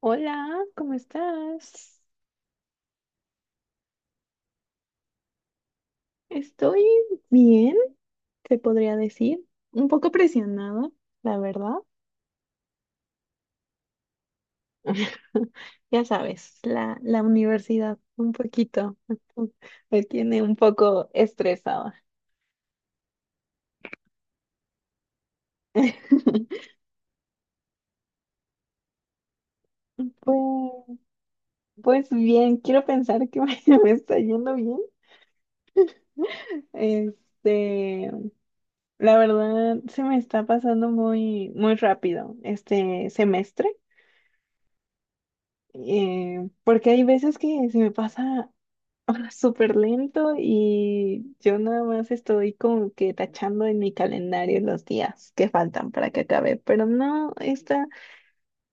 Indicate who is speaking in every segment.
Speaker 1: Hola, ¿cómo estás? Estoy bien, te podría decir. Un poco presionada, la verdad. Ya sabes, la universidad un poquito me tiene un poco estresada. Pues, pues bien, quiero pensar que me está yendo bien. Este, la verdad, se me está pasando muy, muy rápido este semestre, porque hay veces que se me pasa ah, súper lento y yo nada más estoy como que tachando en mi calendario los días que faltan para que acabe, pero no, esta,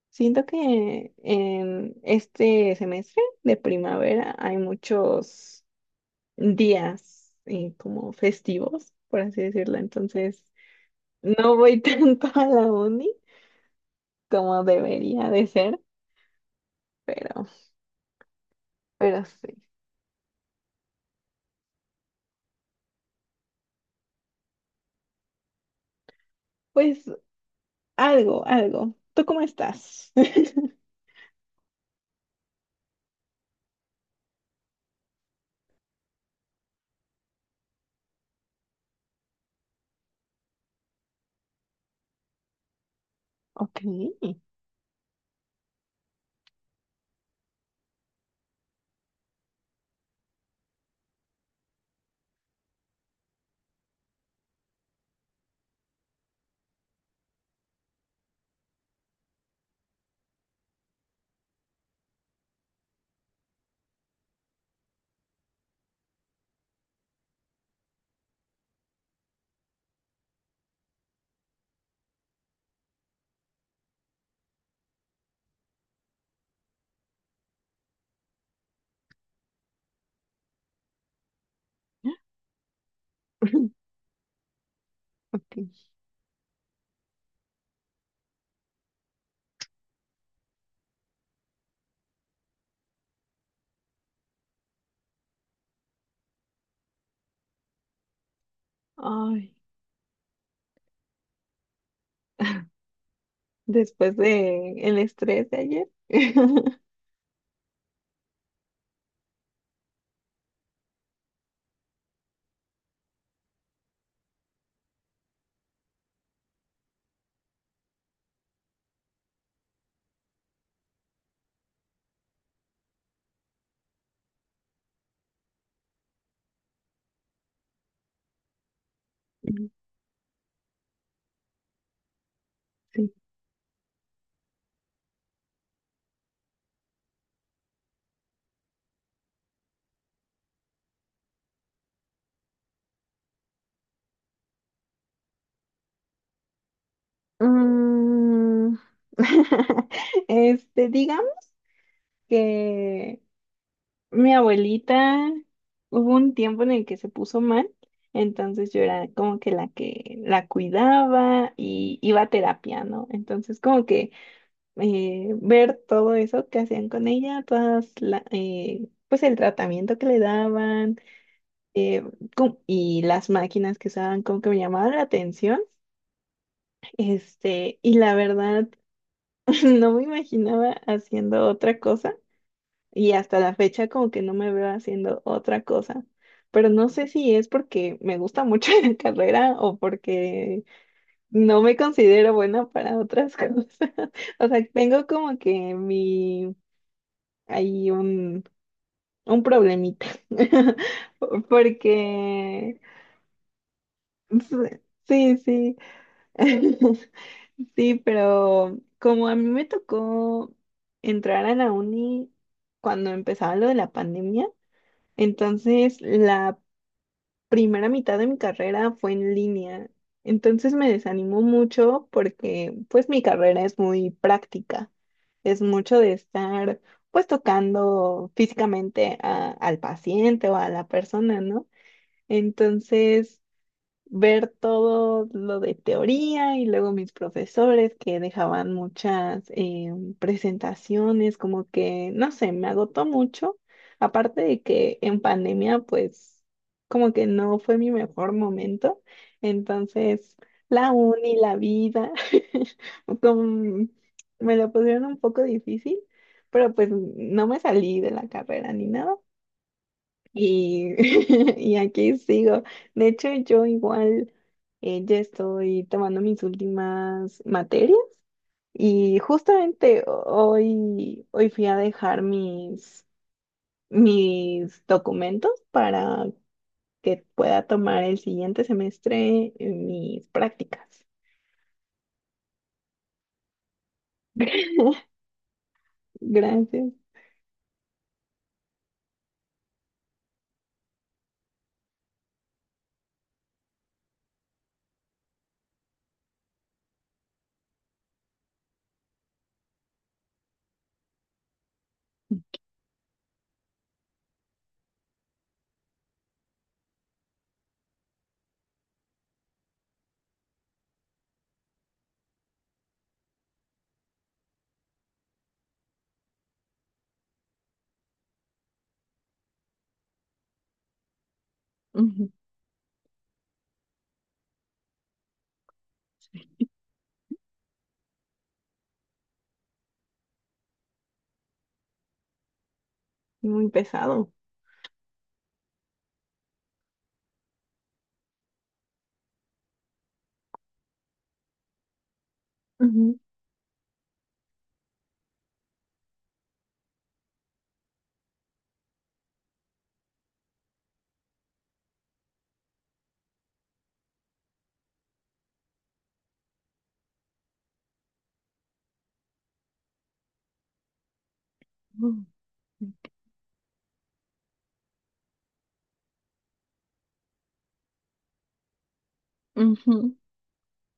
Speaker 1: siento que en este semestre de primavera hay muchos días como festivos, por así decirlo, entonces no voy tanto a la uni como debería de ser, pero, pero sí, pues algo, algo. ¿Tú cómo estás? Ok. Ok. Ay, después de el estrés de ayer. Sí. Mm. Este, digamos que mi abuelita hubo un tiempo en el que se puso mal, entonces yo era como que la cuidaba y iba a terapia, ¿no? Entonces como que ver todo eso que hacían con ella, pues el tratamiento que le daban, eh, y las máquinas que usaban como que me llamaban la atención. Este, y la verdad, no me imaginaba haciendo otra cosa y hasta la fecha como que no me veo haciendo otra cosa. Pero no sé si es porque me gusta mucho la carrera o porque no me considero buena para otras cosas. O sea, tengo como que mi, hay un problemita. Porque, pues, sí, sí. Sí, pero como a mí me tocó entrar a la uni cuando empezaba lo de la pandemia, entonces la primera mitad de mi carrera fue en línea. Entonces me desanimó mucho porque pues mi carrera es muy práctica, es mucho de estar pues tocando físicamente a- al paciente o a la persona, ¿no? Entonces ver todo lo de teoría y luego mis profesores que dejaban muchas presentaciones, como que, no sé, me agotó mucho. Aparte de que en pandemia, pues, como que no fue mi mejor momento. Entonces, la uni, la vida, como me lo pusieron un poco difícil, pero pues no me salí de la carrera ni nada. Y, y aquí sigo. De hecho, yo igual, ya estoy tomando mis últimas materias y justamente hoy fui a dejar mis, mis documentos para que pueda tomar el siguiente semestre mis prácticas. Gracias. Ujú. Muy pesado. Ujú. Ujú.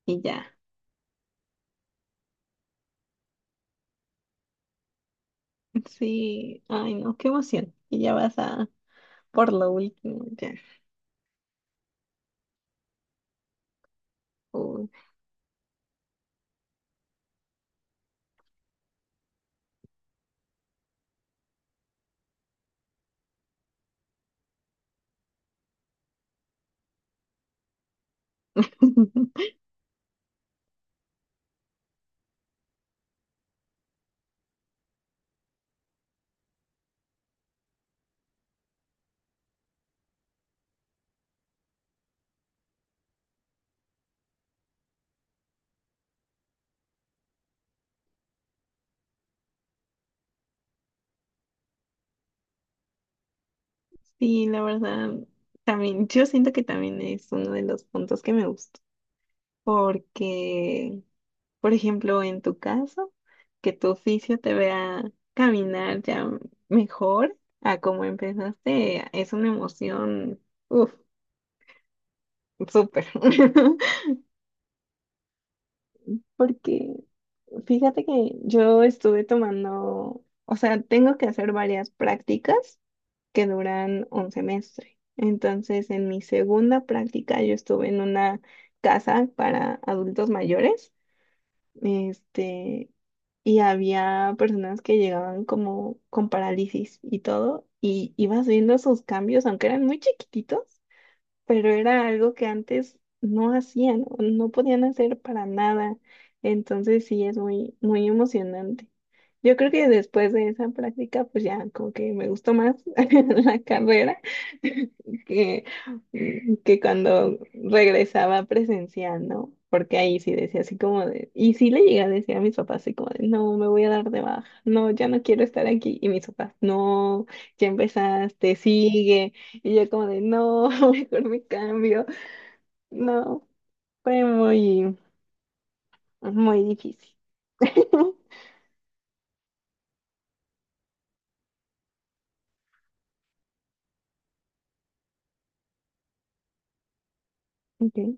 Speaker 1: Y ya. Sí. Ay, no, qué emoción. Y ya vas a... por lo último, ya. Uy. Sí, la verdad, también, yo siento que también es uno de los puntos que me gustó, porque, por ejemplo, en tu caso, que tu oficio te vea caminar ya mejor a como empezaste, es una emoción, uff, súper. Porque fíjate que yo estuve tomando, o sea, tengo que hacer varias prácticas que duran un semestre. Entonces, en mi segunda práctica, yo estuve en una casa para adultos mayores, este, y había personas que llegaban como con parálisis y todo, y ibas viendo sus cambios, aunque eran muy chiquititos, pero era algo que antes no hacían, o no podían hacer para nada. Entonces sí es muy, muy emocionante. Yo creo que después de esa práctica, pues ya como que me gustó más la carrera que, que cuando regresaba presencial, ¿no? Porque ahí sí decía así como de, y sí le llegué a decir a mis papás así como de, no, me voy a dar de baja, no, ya no quiero estar aquí. Y mis papás, no, ya empezaste, sigue. Y yo como de, no, mejor me cambio. No, fue muy, muy difícil. Okay.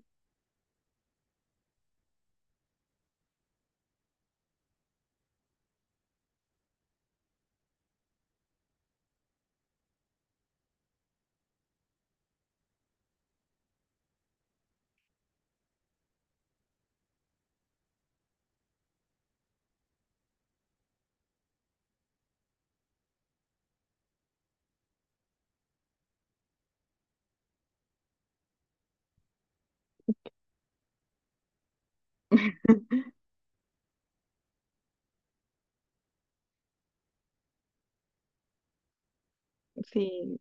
Speaker 1: Sí.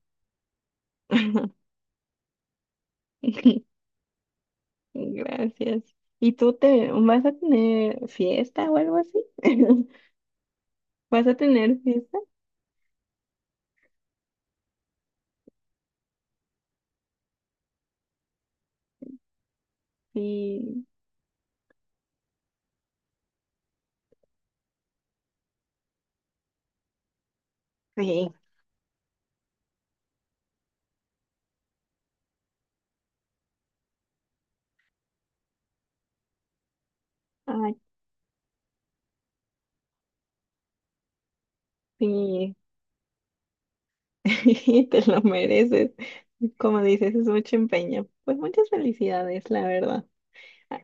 Speaker 1: Gracias. ¿Y tú te vas a tener fiesta o algo así? ¿Vas a tener fiesta? Sí. Sí, ay, sí. Te lo mereces. Como dices, es mucho empeño. Pues muchas felicidades, la verdad. A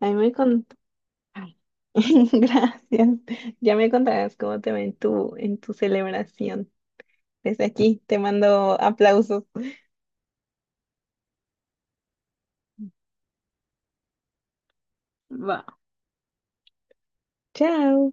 Speaker 1: a mí me con- Ay, gracias. Ya me contarás cómo te va en tu celebración. Desde aquí te mando aplausos. Va. Chao.